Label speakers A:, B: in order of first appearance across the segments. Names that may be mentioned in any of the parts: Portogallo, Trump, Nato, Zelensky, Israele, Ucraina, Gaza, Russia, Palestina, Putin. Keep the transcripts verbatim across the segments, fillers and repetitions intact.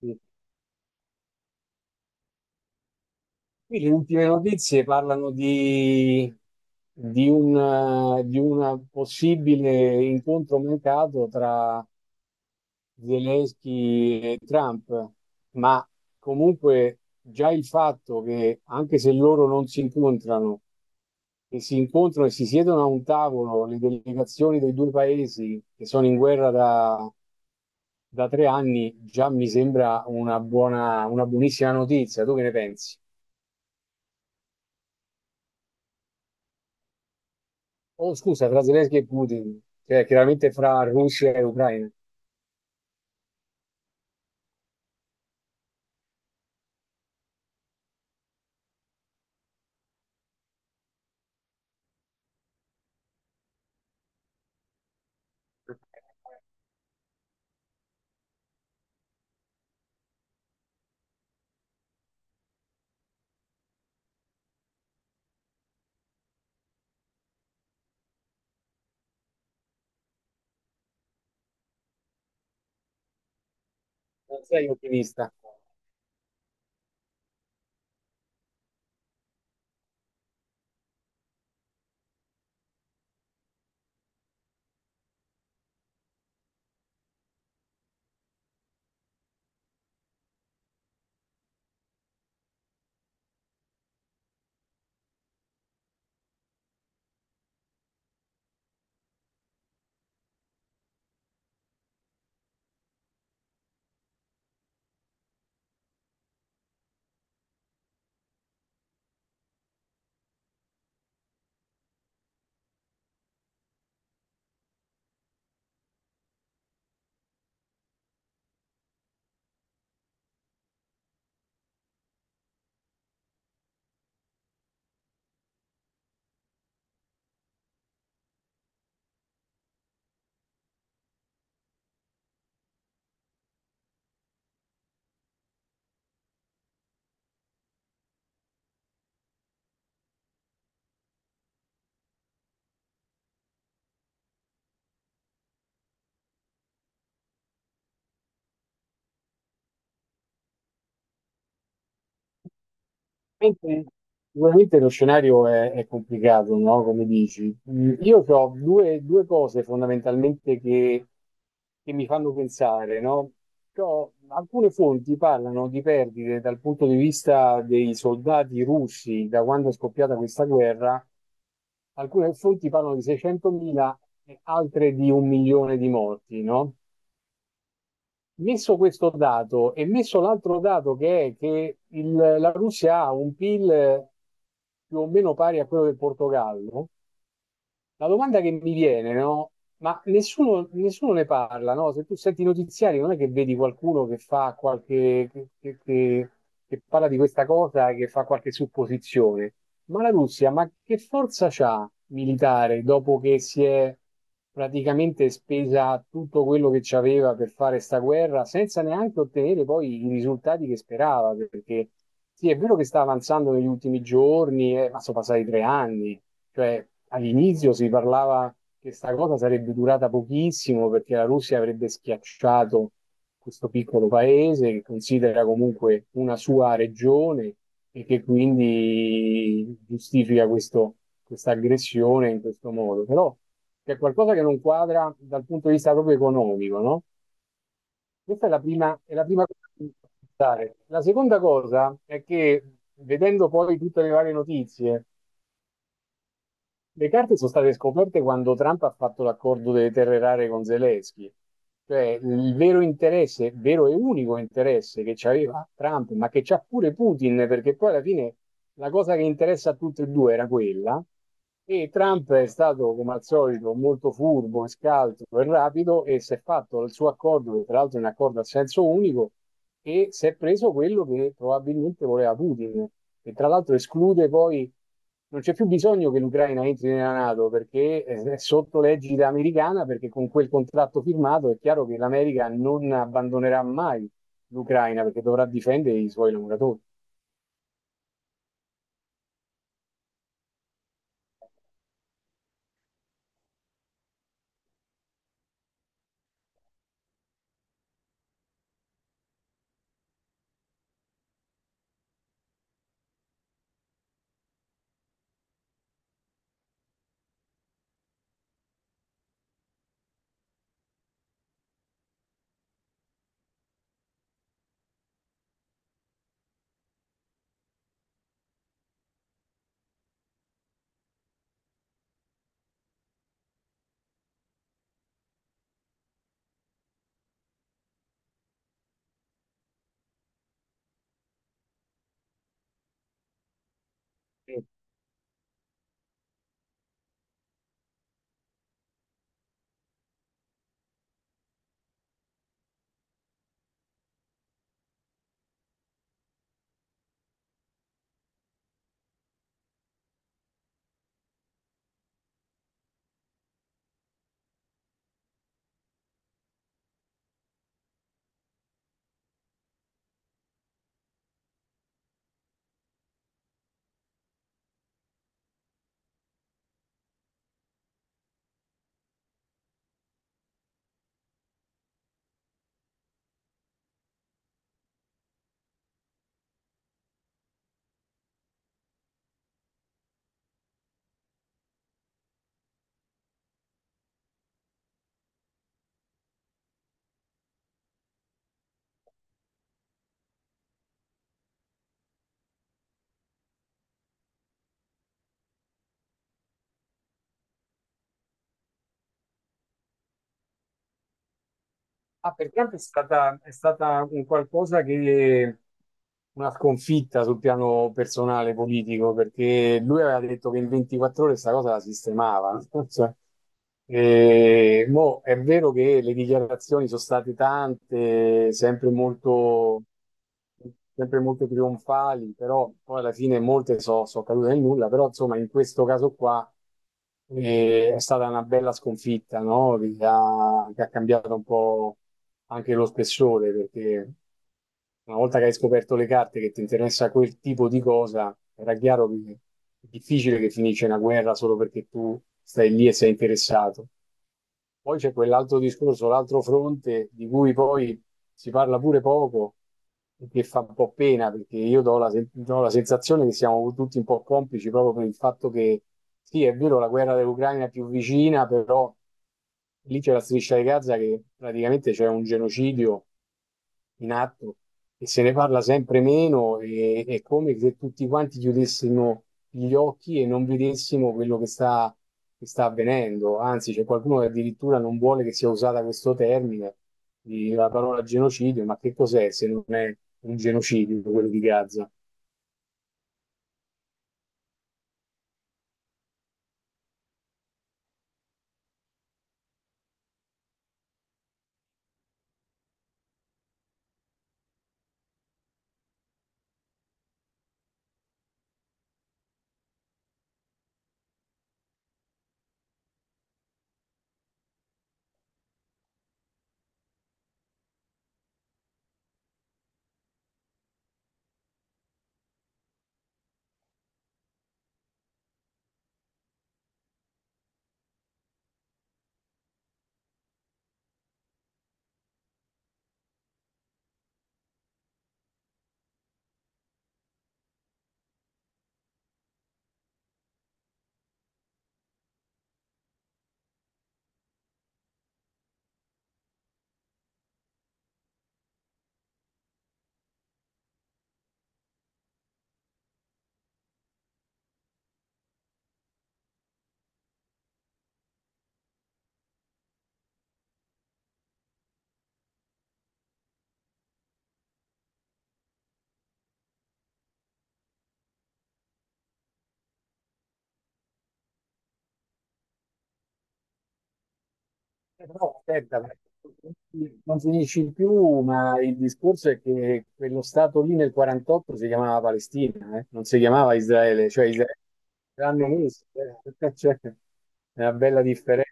A: Sì. Qui le ultime notizie parlano di, di un, eh, di un possibile incontro mancato tra Zelensky e Trump, ma comunque già il fatto che, anche se loro non si incontrano, che si incontrano e si siedono a un tavolo le delegazioni dei due paesi che sono in guerra da, da tre anni, già mi sembra una buona, una buonissima notizia. Tu che ne pensi? Oh, scusa, tra Zelensky e Putin, cioè chiaramente fra Russia e Ucraina. Non sei ottimista. Mentre sicuramente lo scenario è, è complicato, no? Come dici. Mm, io ho due, due cose fondamentalmente che, che mi fanno pensare, no? C'ho- alcune fonti parlano di perdite dal punto di vista dei soldati russi da quando è scoppiata questa guerra, alcune fonti parlano di seicentomila e altre di un milione di morti, no? Messo questo dato e messo l'altro dato che è che il- la Russia ha un P I L più o meno pari a quello del Portogallo, la domanda che mi viene, no? Ma nessuno, nessuno ne parla, no? Se tu senti i notiziari, non è che vedi qualcuno che fa qualche, che, che- che- che parla di questa cosa, che fa qualche supposizione. Ma la Russia, ma che forza c'ha militare dopo che si è praticamente spesa tutto quello che c'aveva per fare sta guerra, senza neanche ottenere poi i risultati che sperava? Perché sì, è vero che sta avanzando negli ultimi giorni, eh, ma sono passati tre anni. Cioè, all'inizio si parlava che questa cosa sarebbe durata pochissimo perché la Russia avrebbe schiacciato questo piccolo paese che considera comunque una sua regione e che quindi giustifica questo- questa aggressione in questo modo. Però c'è qualcosa che non quadra dal punto di vista proprio economico, no? Questa è la prima, è la prima cosa che mi fa pensare. La seconda cosa è che, vedendo poi tutte le varie notizie, le carte sono state scoperte quando Trump ha fatto l'accordo delle terre rare con Zelensky. Cioè, il vero interesse, vero e unico interesse che c'aveva Trump, ma che c'ha pure Putin, perché poi alla fine la cosa che interessa a tutti e due era quella. E Trump è stato, come al solito, molto furbo, e scaltro e rapido e si è fatto il suo accordo, che tra l'altro è un accordo a senso unico, e si è preso quello che probabilmente voleva Putin, e tra l'altro esclude poi, non c'è più bisogno che l'Ucraina entri nella NATO perché è sotto l'egida americana, perché con quel contratto firmato è chiaro che l'America non abbandonerà mai l'Ucraina perché dovrà difendere i suoi lavoratori. Ah, per quanto è stata, è stata un qualcosa che una sconfitta sul piano personale politico, perché lui aveva detto che in ventiquattro ore questa cosa la sistemava. Cioè, eh, mo, è vero che le dichiarazioni sono state tante, sempre molto sempre molto trionfali, però poi alla fine molte sono cadute nel nulla, però insomma in questo caso qua, eh, è stata una bella sconfitta, no? Che ha, che ha cambiato un po' anche lo spessore, perché una volta che hai scoperto le carte che ti interessa quel tipo di cosa, era chiaro che è difficile che finisce una guerra solo perché tu stai lì e sei interessato. Poi c'è quell'altro discorso, l'altro fronte di cui poi si parla pure poco e che fa un po' pena perché io do la, sen- do la sensazione che siamo tutti un po' complici proprio per il fatto che sì, è vero, la guerra dell'Ucraina è più vicina, però lì c'è la striscia di Gaza che praticamente c'è un genocidio in atto e se ne parla sempre meno e è come se tutti quanti chiudessimo gli occhi e non vedessimo quello che sta, che sta avvenendo. Anzi, c'è qualcuno che addirittura non vuole che sia usata questo termine, di- la parola genocidio, ma che cos'è se non è un genocidio quello di Gaza? Eh, Però aspetta, perché non finisci più, ma il discorso è che quello stato lì nel quarantotto si chiamava Palestina, eh, non si chiamava Israele, cioè Israele l'hanno messo, eh, cioè, è una bella differenza.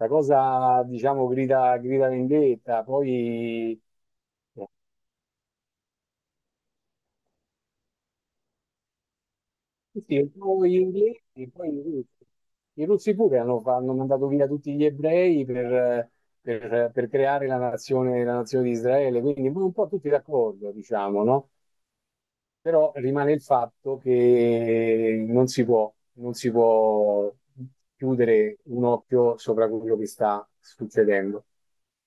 A: La cosa, diciamo, grida, grida vendetta, poi sì, sì, un po' gli inglesi, poi i russi. I russi pure hanno, hanno mandato via tutti gli ebrei per, per- per creare la nazione, la nazione di Israele, quindi un po' tutti d'accordo, diciamo, no? Però rimane il fatto che non si può, non si può chiudere un occhio sopra quello che sta succedendo.